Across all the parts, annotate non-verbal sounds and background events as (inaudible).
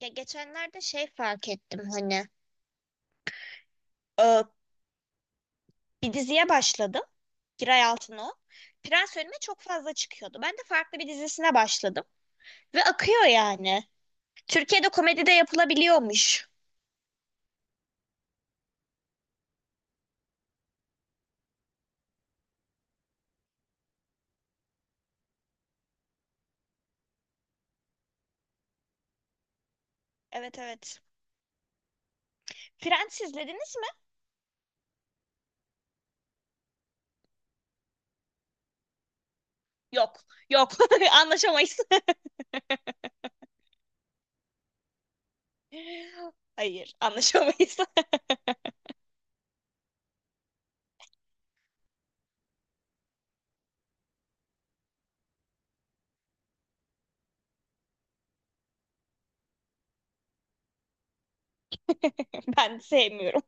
Ya geçenlerde şey fark ettim hani, e, bir diziye başladım. Giray Altınok. Prens önüme çok fazla çıkıyordu. Ben de farklı bir dizisine başladım. Ve akıyor yani. Türkiye'de komedi de yapılabiliyormuş. Evet, evet. Prens izlediniz mi? Yok. Yok. (laughs) Anlaşamayız. (laughs) Hayır, anlaşamayız. (laughs) Ben sevmiyorum.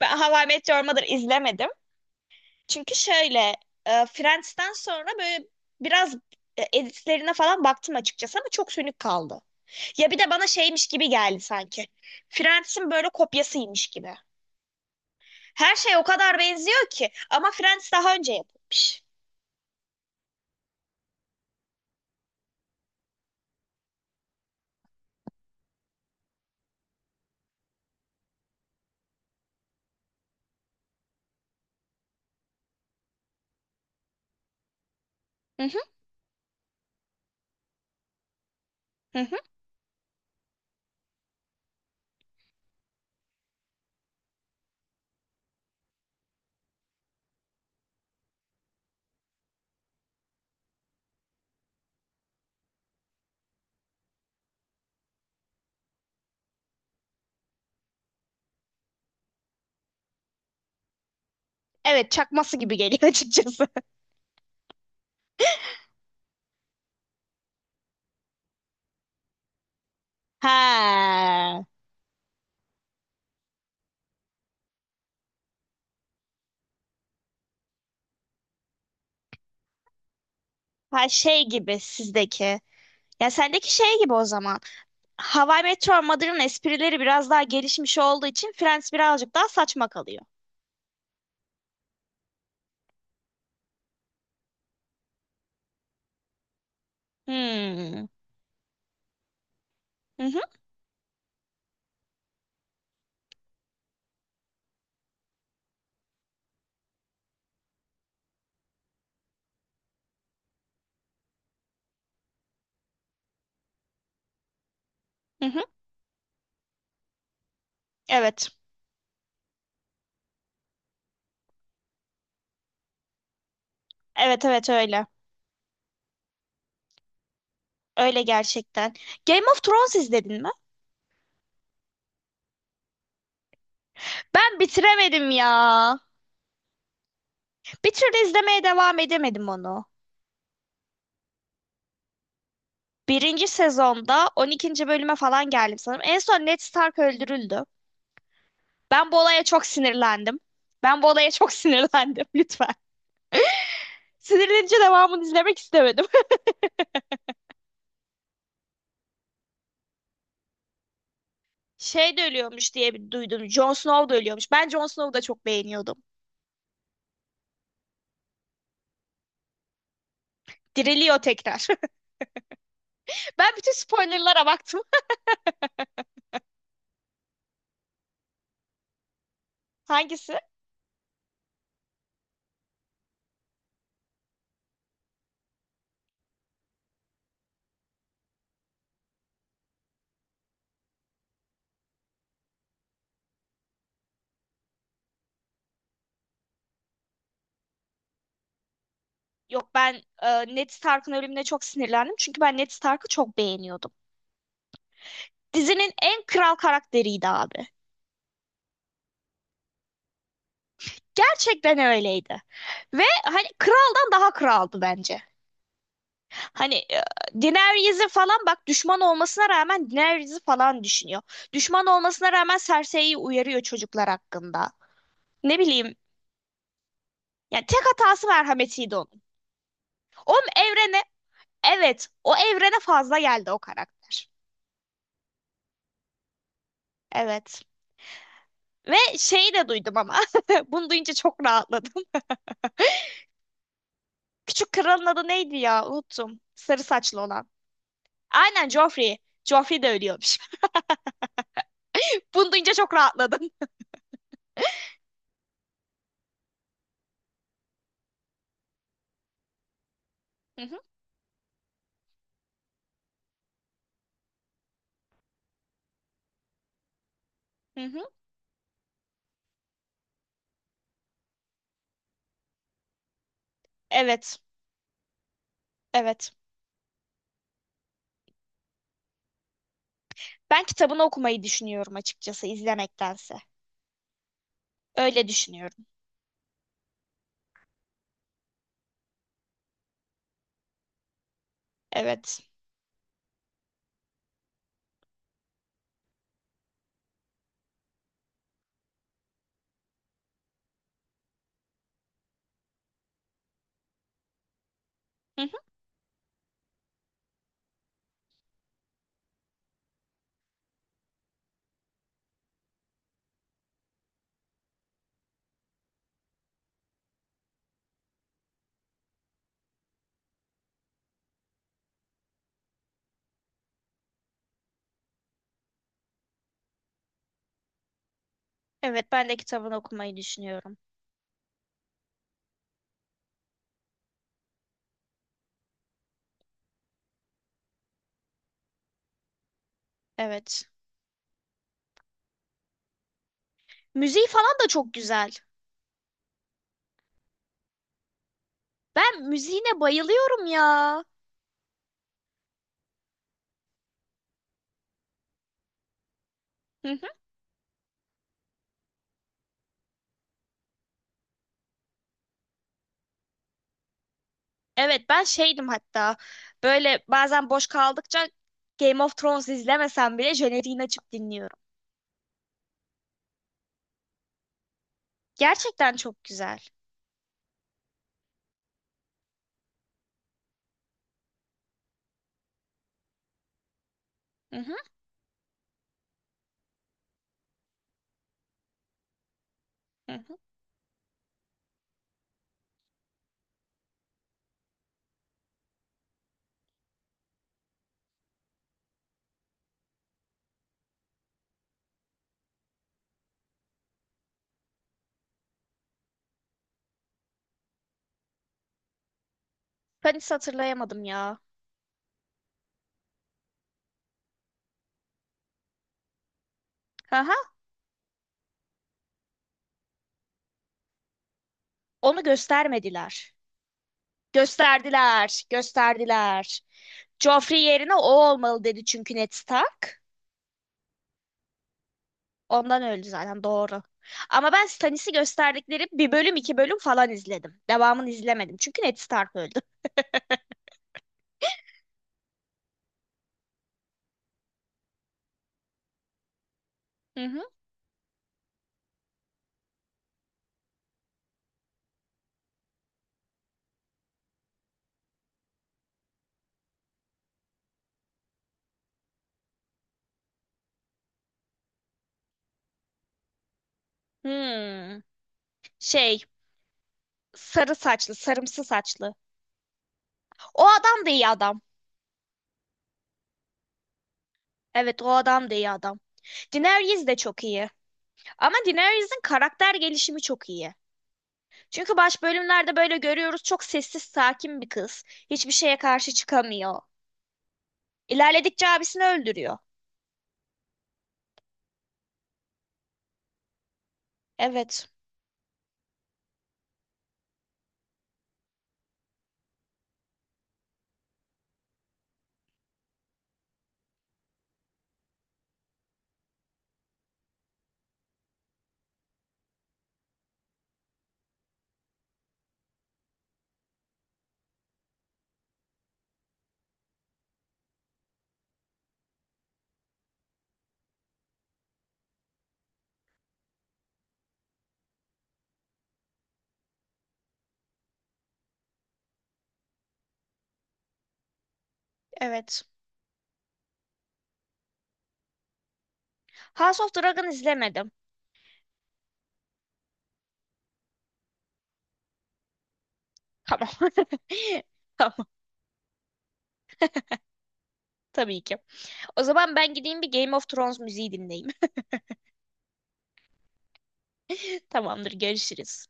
Ben How I Met Your Mother izlemedim. Çünkü şöyle, Friends'ten sonra böyle biraz editlerine falan baktım açıkçası ama çok sönük kaldı. Ya bir de bana şeymiş gibi geldi sanki. Friends'in böyle kopyasıymış gibi. Her şey o kadar benziyor ki ama Friends daha önce yapılmış. Hı hı, hı hı. Evet, çakması gibi geliyor açıkçası. (laughs) Ha. Ha şey gibi sizdeki. Ya sendeki şey gibi o zaman. Hawaii Meteor Mother'ın esprileri biraz daha gelişmiş olduğu için Friends birazcık daha saçma kalıyor. Hmm. Hı hı, hı hı. Evet. Evet, evet öyle. Öyle gerçekten. Game of Thrones izledin mi? Ben bitiremedim ya. Bir türlü izlemeye devam edemedim onu. Birinci sezonda 12. bölüme falan geldim sanırım. En son Ned Stark öldürüldü. Ben bu olaya çok sinirlendim. Ben bu olaya çok (laughs) sinirlendim lütfen. Sinirlenince devamını izlemek istemedim. (laughs) Şey de ölüyormuş diye bir duydum. Jon Snow da ölüyormuş. Ben Jon Snow'u da çok beğeniyordum. Diriliyor tekrar. (laughs) Ben bütün spoilerlara baktım. Hangisi? Yok, ben Ned Stark'ın ölümüne çok sinirlendim. Çünkü ben Ned Stark'ı çok beğeniyordum. Dizinin en kral karakteriydi abi. Gerçekten öyleydi. Ve hani kraldan daha kraldı bence. Hani Daenerys'i falan bak, düşman olmasına rağmen Daenerys'i falan düşünüyor. Düşman olmasına rağmen Cersei'yi uyarıyor çocuklar hakkında. Ne bileyim, yani tek hatası merhametiydi onun. Onun evrene evet, o evrene fazla geldi o karakter. Evet. Ve şeyi de duydum ama (laughs) bunu duyunca çok rahatladım. (laughs) Küçük kralın adı neydi ya, unuttum. Sarı saçlı olan. Aynen, Joffrey. Joffrey de ölüyormuş. Bunu duyunca çok rahatladım. Hı hı, hı hı. Evet, evet. Ben kitabını okumayı düşünüyorum açıkçası, izlemektense. Öyle düşünüyorum. Evet. Hı hı. Evet, ben de kitabını okumayı düşünüyorum. Evet. Müziği falan da çok güzel. Ben müziğine bayılıyorum ya. Hı hı. Evet, ben şeydim hatta. Böyle bazen boş kaldıkça Game of Thrones izlemesem bile jeneriğini açıp dinliyorum. Gerçekten çok güzel. Hı hı, hı hı. Ben hiç hatırlayamadım ya. Aha, onu göstermediler. Gösterdiler, gösterdiler. Joffrey yerine o olmalı dedi çünkü Ned Stark. Ondan öldü zaten, doğru. Ama ben Stannis'i gösterdikleri bir bölüm iki bölüm falan izledim. Devamını izlemedim çünkü Ned Stark öldü. Hı hı. Hmm. Şey, sarı saçlı sarımsı saçlı. O adam da iyi adam. Evet, o adam da iyi adam. Daenerys de çok iyi. Ama Daenerys'in karakter gelişimi çok iyi. Çünkü baş bölümlerde böyle görüyoruz, çok sessiz sakin bir kız. Hiçbir şeye karşı çıkamıyor. İlerledikçe abisini öldürüyor. Evet, evet. House of Dragon izlemedim. Tamam. (laughs) Tamam, tabii ki. O zaman ben gideyim bir Game of Thrones müziği dinleyeyim. (laughs) Tamamdır, görüşürüz.